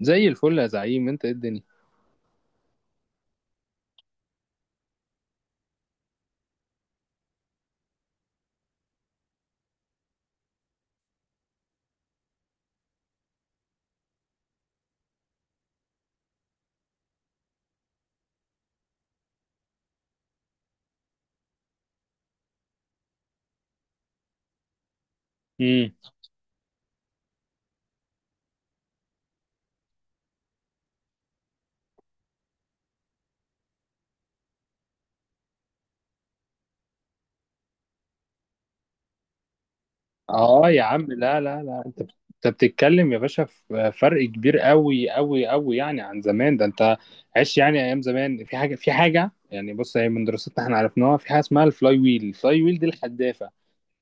زي الفل يا زعيم، انت ايه الدنيا. امم. اه يا عم، لا لا لا، انت بتتكلم يا باشا، في فرق كبير قوي قوي قوي يعني عن زمان. ده انت عشت يعني ايام زمان. في حاجه يعني، بص، هي من دراستنا احنا عرفناها، في حاجه اسمها الفلاي ويل. الفلاي ويل دي الحدافه.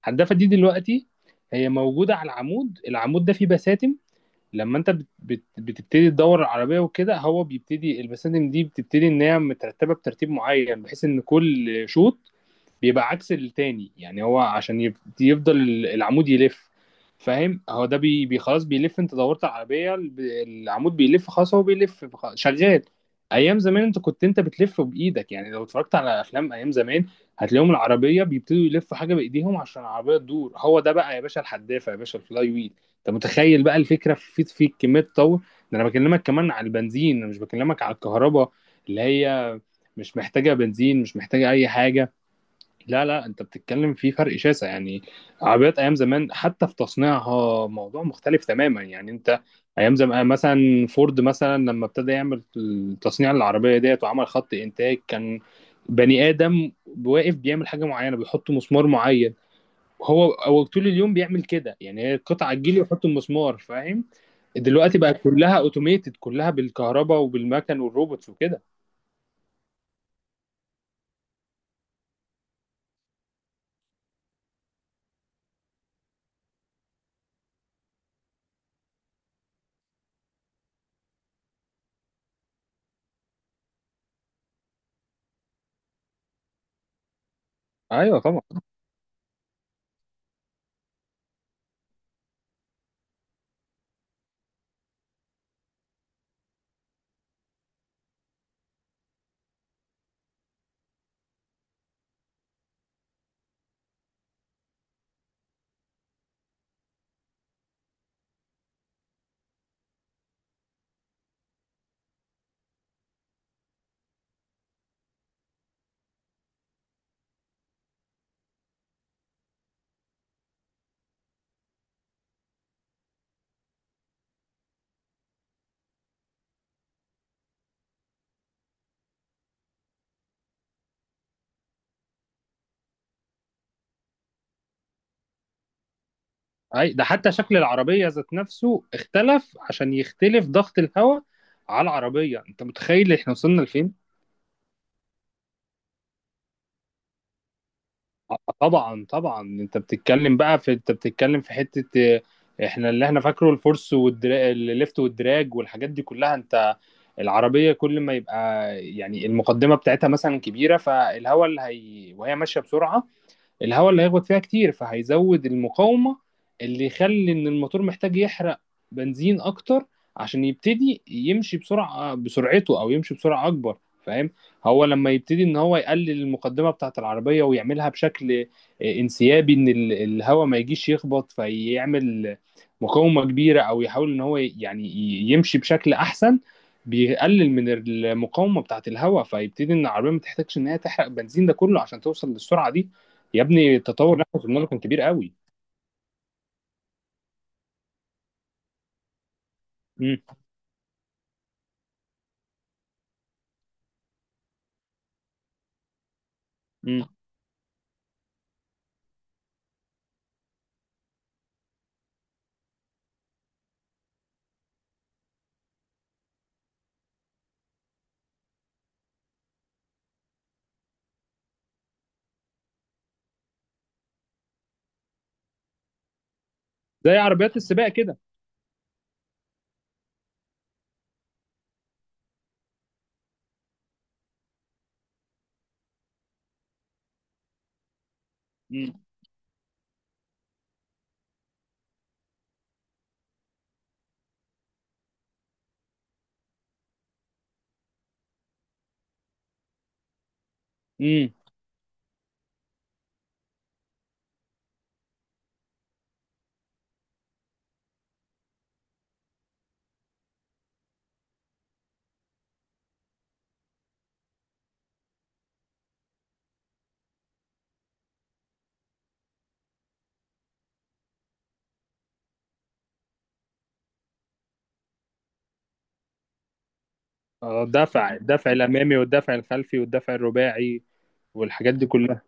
الحدافه دي دلوقتي هي موجوده على العمود. العمود ده فيه بساتم. لما انت بت بت بتبتدي تدور العربيه وكده، هو بيبتدي البساتم دي بتبتدي ان هي مترتبه بترتيب معين، بحيث ان كل شوط بيبقى عكس التاني، يعني هو عشان يفضل العمود يلف. فاهم، هو ده خلاص بيلف. انت دورت على العربية، العمود بيلف، خلاص هو بيلف، شغال. ايام زمان انت بتلف بايدك، يعني لو اتفرجت على افلام ايام زمان هتلاقيهم العربية بيبتدوا يلفوا حاجة بايديهم عشان العربية تدور. هو ده بقى يا باشا الحدافة، يا باشا الفلاي ويل. انت متخيل بقى الفكرة في كمية تطور. ده انا بكلمك كمان على البنزين، انا مش بكلمك على الكهرباء اللي هي مش محتاجة بنزين، مش محتاجة اي حاجة. لا لا، انت بتتكلم في فرق شاسع يعني. عربيات ايام زمان حتى في تصنيعها موضوع مختلف تماما، يعني انت ايام زمان مثلا فورد مثلا لما ابتدى يعمل تصنيع العربيه ديت وعمل خط انتاج، كان بني ادم واقف بيعمل حاجه معينه، بيحط مسمار معين، هو طول اليوم بيعمل كده، يعني هي القطعه تجيلي ويحط المسمار، فاهم. دلوقتي بقى كلها اوتوميتد، كلها بالكهرباء وبالمكن والروبوتس وكده. ايوه طبعا. اي ده حتى شكل العربية ذات نفسه اختلف عشان يختلف ضغط الهواء على العربية، انت متخيل احنا وصلنا لفين؟ آه، طبعا طبعا. انت بتتكلم في حتة، آه، احنا اللي احنا فاكره الفورس الليفت والدراج والحاجات دي كلها. انت العربية كل ما يبقى يعني المقدمة بتاعتها مثلا كبيرة، فالهواء اللي هي وهي ماشية بسرعة، الهواء اللي هيخبط فيها كتير فهيزود المقاومة اللي يخلي ان الموتور محتاج يحرق بنزين اكتر عشان يبتدي يمشي بسرعة بسرعته او يمشي بسرعة اكبر، فاهم. هو لما يبتدي ان هو يقلل المقدمة بتاعة العربية ويعملها بشكل انسيابي، ان الهواء ما يجيش يخبط فيعمل مقاومة كبيرة، او يحاول ان هو يعني يمشي بشكل احسن، بيقلل من المقاومة بتاعة الهواء، فيبتدي ان العربية ما تحتاجش ان هي تحرق بنزين ده كله عشان توصل للسرعة دي. يا ابني، التطور اللي احنا وصلنا له كان كبير قوي. امم. امم. زي عربيات السباق كده. امم. امم. آه، الدفع، الدفع الامامي والدفع الخلفي والدفع الرباعي والحاجات دي كلها.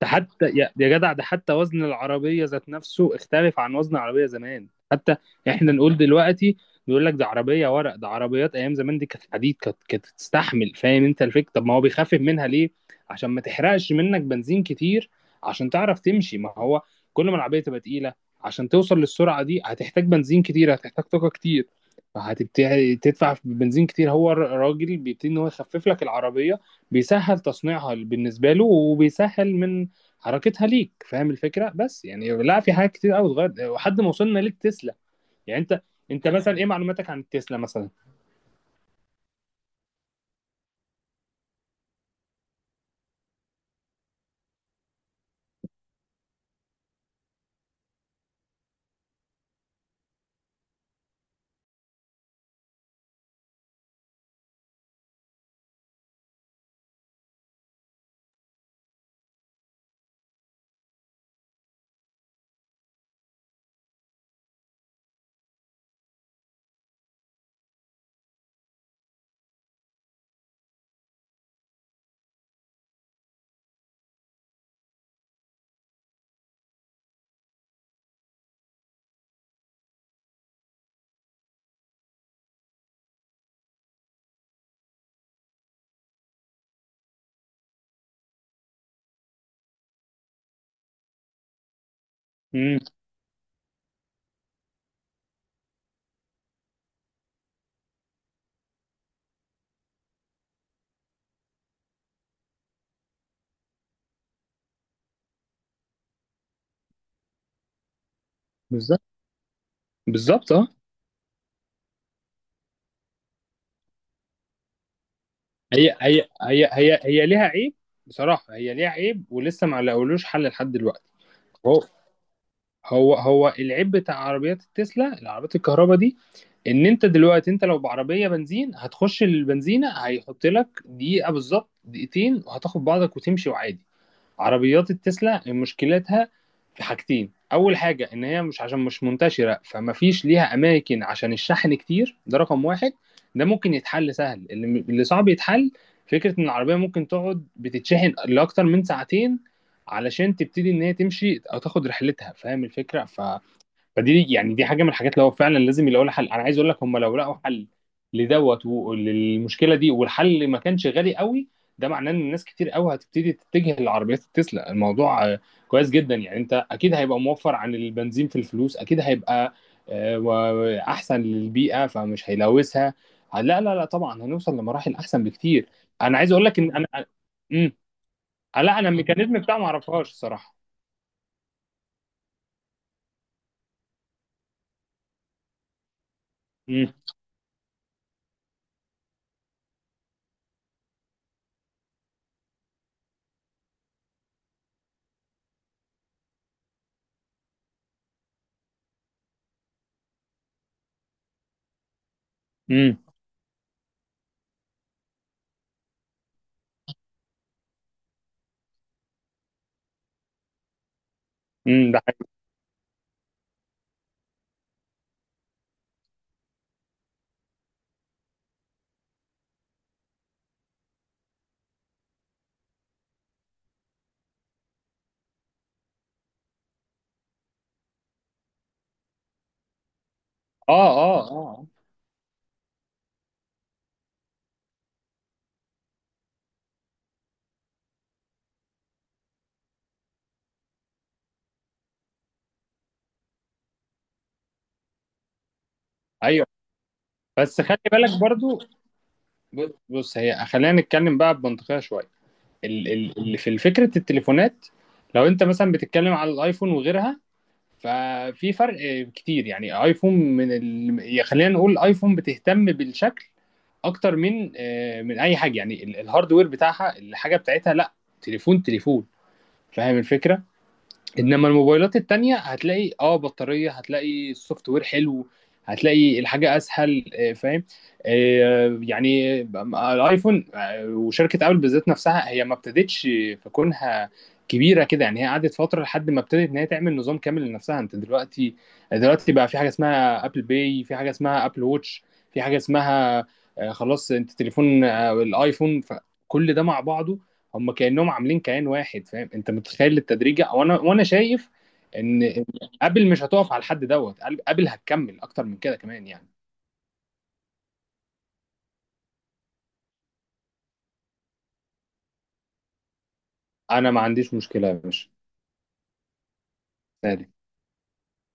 ده حتى يا جدع، ده حتى وزن العربية ذات نفسه اختلف عن وزن العربية زمان حتى. احنا نقول دلوقتي يقول لك ده عربية ورق، ده عربيات ايام زمان دي كانت حديد، كانت تستحمل، فاهم انت الفكرة. طب ما هو بيخفف منها ليه؟ عشان ما تحرقش منك بنزين كتير، عشان تعرف تمشي، ما هو كل ما العربية تبقى تقيلة عشان توصل للسرعة دي هتحتاج بنزين كتير، هتحتاج طاقة كتير، فهتبتدي تدفع في بنزين كتير. هو الراجل بيبتدي ان هو يخفف لك العربية، بيسهل تصنيعها بالنسبة له وبيسهل من حركتها ليك، فاهم الفكره. بس يعني لا، في حاجات كتير قوي اتغيرت وحد ما وصلنا للتسلا، يعني انت، انت مثلا ايه معلوماتك عن التسلا مثلا؟ امم. بالظبط. بالظبط اه. هي ليها عيب، بصراحه هي ليها عيب ولسه ما لقولوش حل لحد دلوقتي. هو هو العيب بتاع عربيات التسلا، العربيات الكهرباء دي، ان انت دلوقتي انت لو بعربيه بنزين هتخش البنزينه هيحط لك دقيقه بالظبط، دقيقتين، وهتاخد بعضك وتمشي وعادي. عربيات التسلا مشكلتها في حاجتين. اول حاجه ان هي، مش عشان مش منتشره فما فيش ليها اماكن عشان الشحن كتير، ده رقم واحد. ده ممكن يتحل سهل. اللي صعب يتحل فكره ان العربيه ممكن تقعد بتتشحن لاكتر من ساعتين علشان تبتدي ان هي تمشي او تاخد رحلتها، فاهم الفكره. فدي يعني، دي حاجه من الحاجات اللي هو فعلا لازم يلاقوا لها حل. انا عايز اقول لك، هم لو لقوا حل لدوت وللمشكله دي، والحل ما كانش غالي قوي، ده معناه ان الناس كتير قوي هتبتدي تتجه للعربيات التسلا. الموضوع كويس جدا، يعني انت اكيد هيبقى موفر عن البنزين في الفلوس، اكيد هيبقى احسن للبيئه فمش هيلوثها. لا لا لا، طبعا هنوصل لمراحل احسن بكتير. انا عايز اقول لك، ان انا امم لا، انا الميكانيزم بتاعه ما اعرفهاش الصراحه. امم. امم. امم. ده حقيقي. اه اه اه. ايوه. بس خلي بالك برضو. بص، هي خلينا نتكلم بقى بمنطقية شوية. اللي في فكرة التليفونات، لو انت مثلا بتتكلم على الايفون وغيرها، ففي فرق كتير، يعني ايفون يا خلينا نقول ايفون بتهتم بالشكل اكتر من من اي حاجة، يعني الهاردوير بتاعها، الحاجة بتاعتها لا، تليفون تليفون، فاهم الفكرة. انما الموبايلات التانية هتلاقي اه بطارية، هتلاقي السوفت وير حلو، هتلاقي الحاجة اسهل، فاهم. آه، يعني الايفون، وشركة ابل بالذات نفسها هي ما ابتدتش في كونها كبيرة كده، يعني هي قعدت فترة لحد ما ابتدت ان هي تعمل نظام كامل لنفسها. انت دلوقتي بقى في حاجة اسمها ابل باي، في حاجة اسمها ابل ووتش، في حاجة اسمها خلاص، انت تليفون، الايفون، فكل ده مع بعضه هم كانهم عاملين كيان واحد، فاهم. انت متخيل التدريجه، وانا شايف ان ابل مش هتقف على الحد دوت، ابل هتكمل اكتر من كده كمان، يعني انا ما عنديش مشكله يا باشا.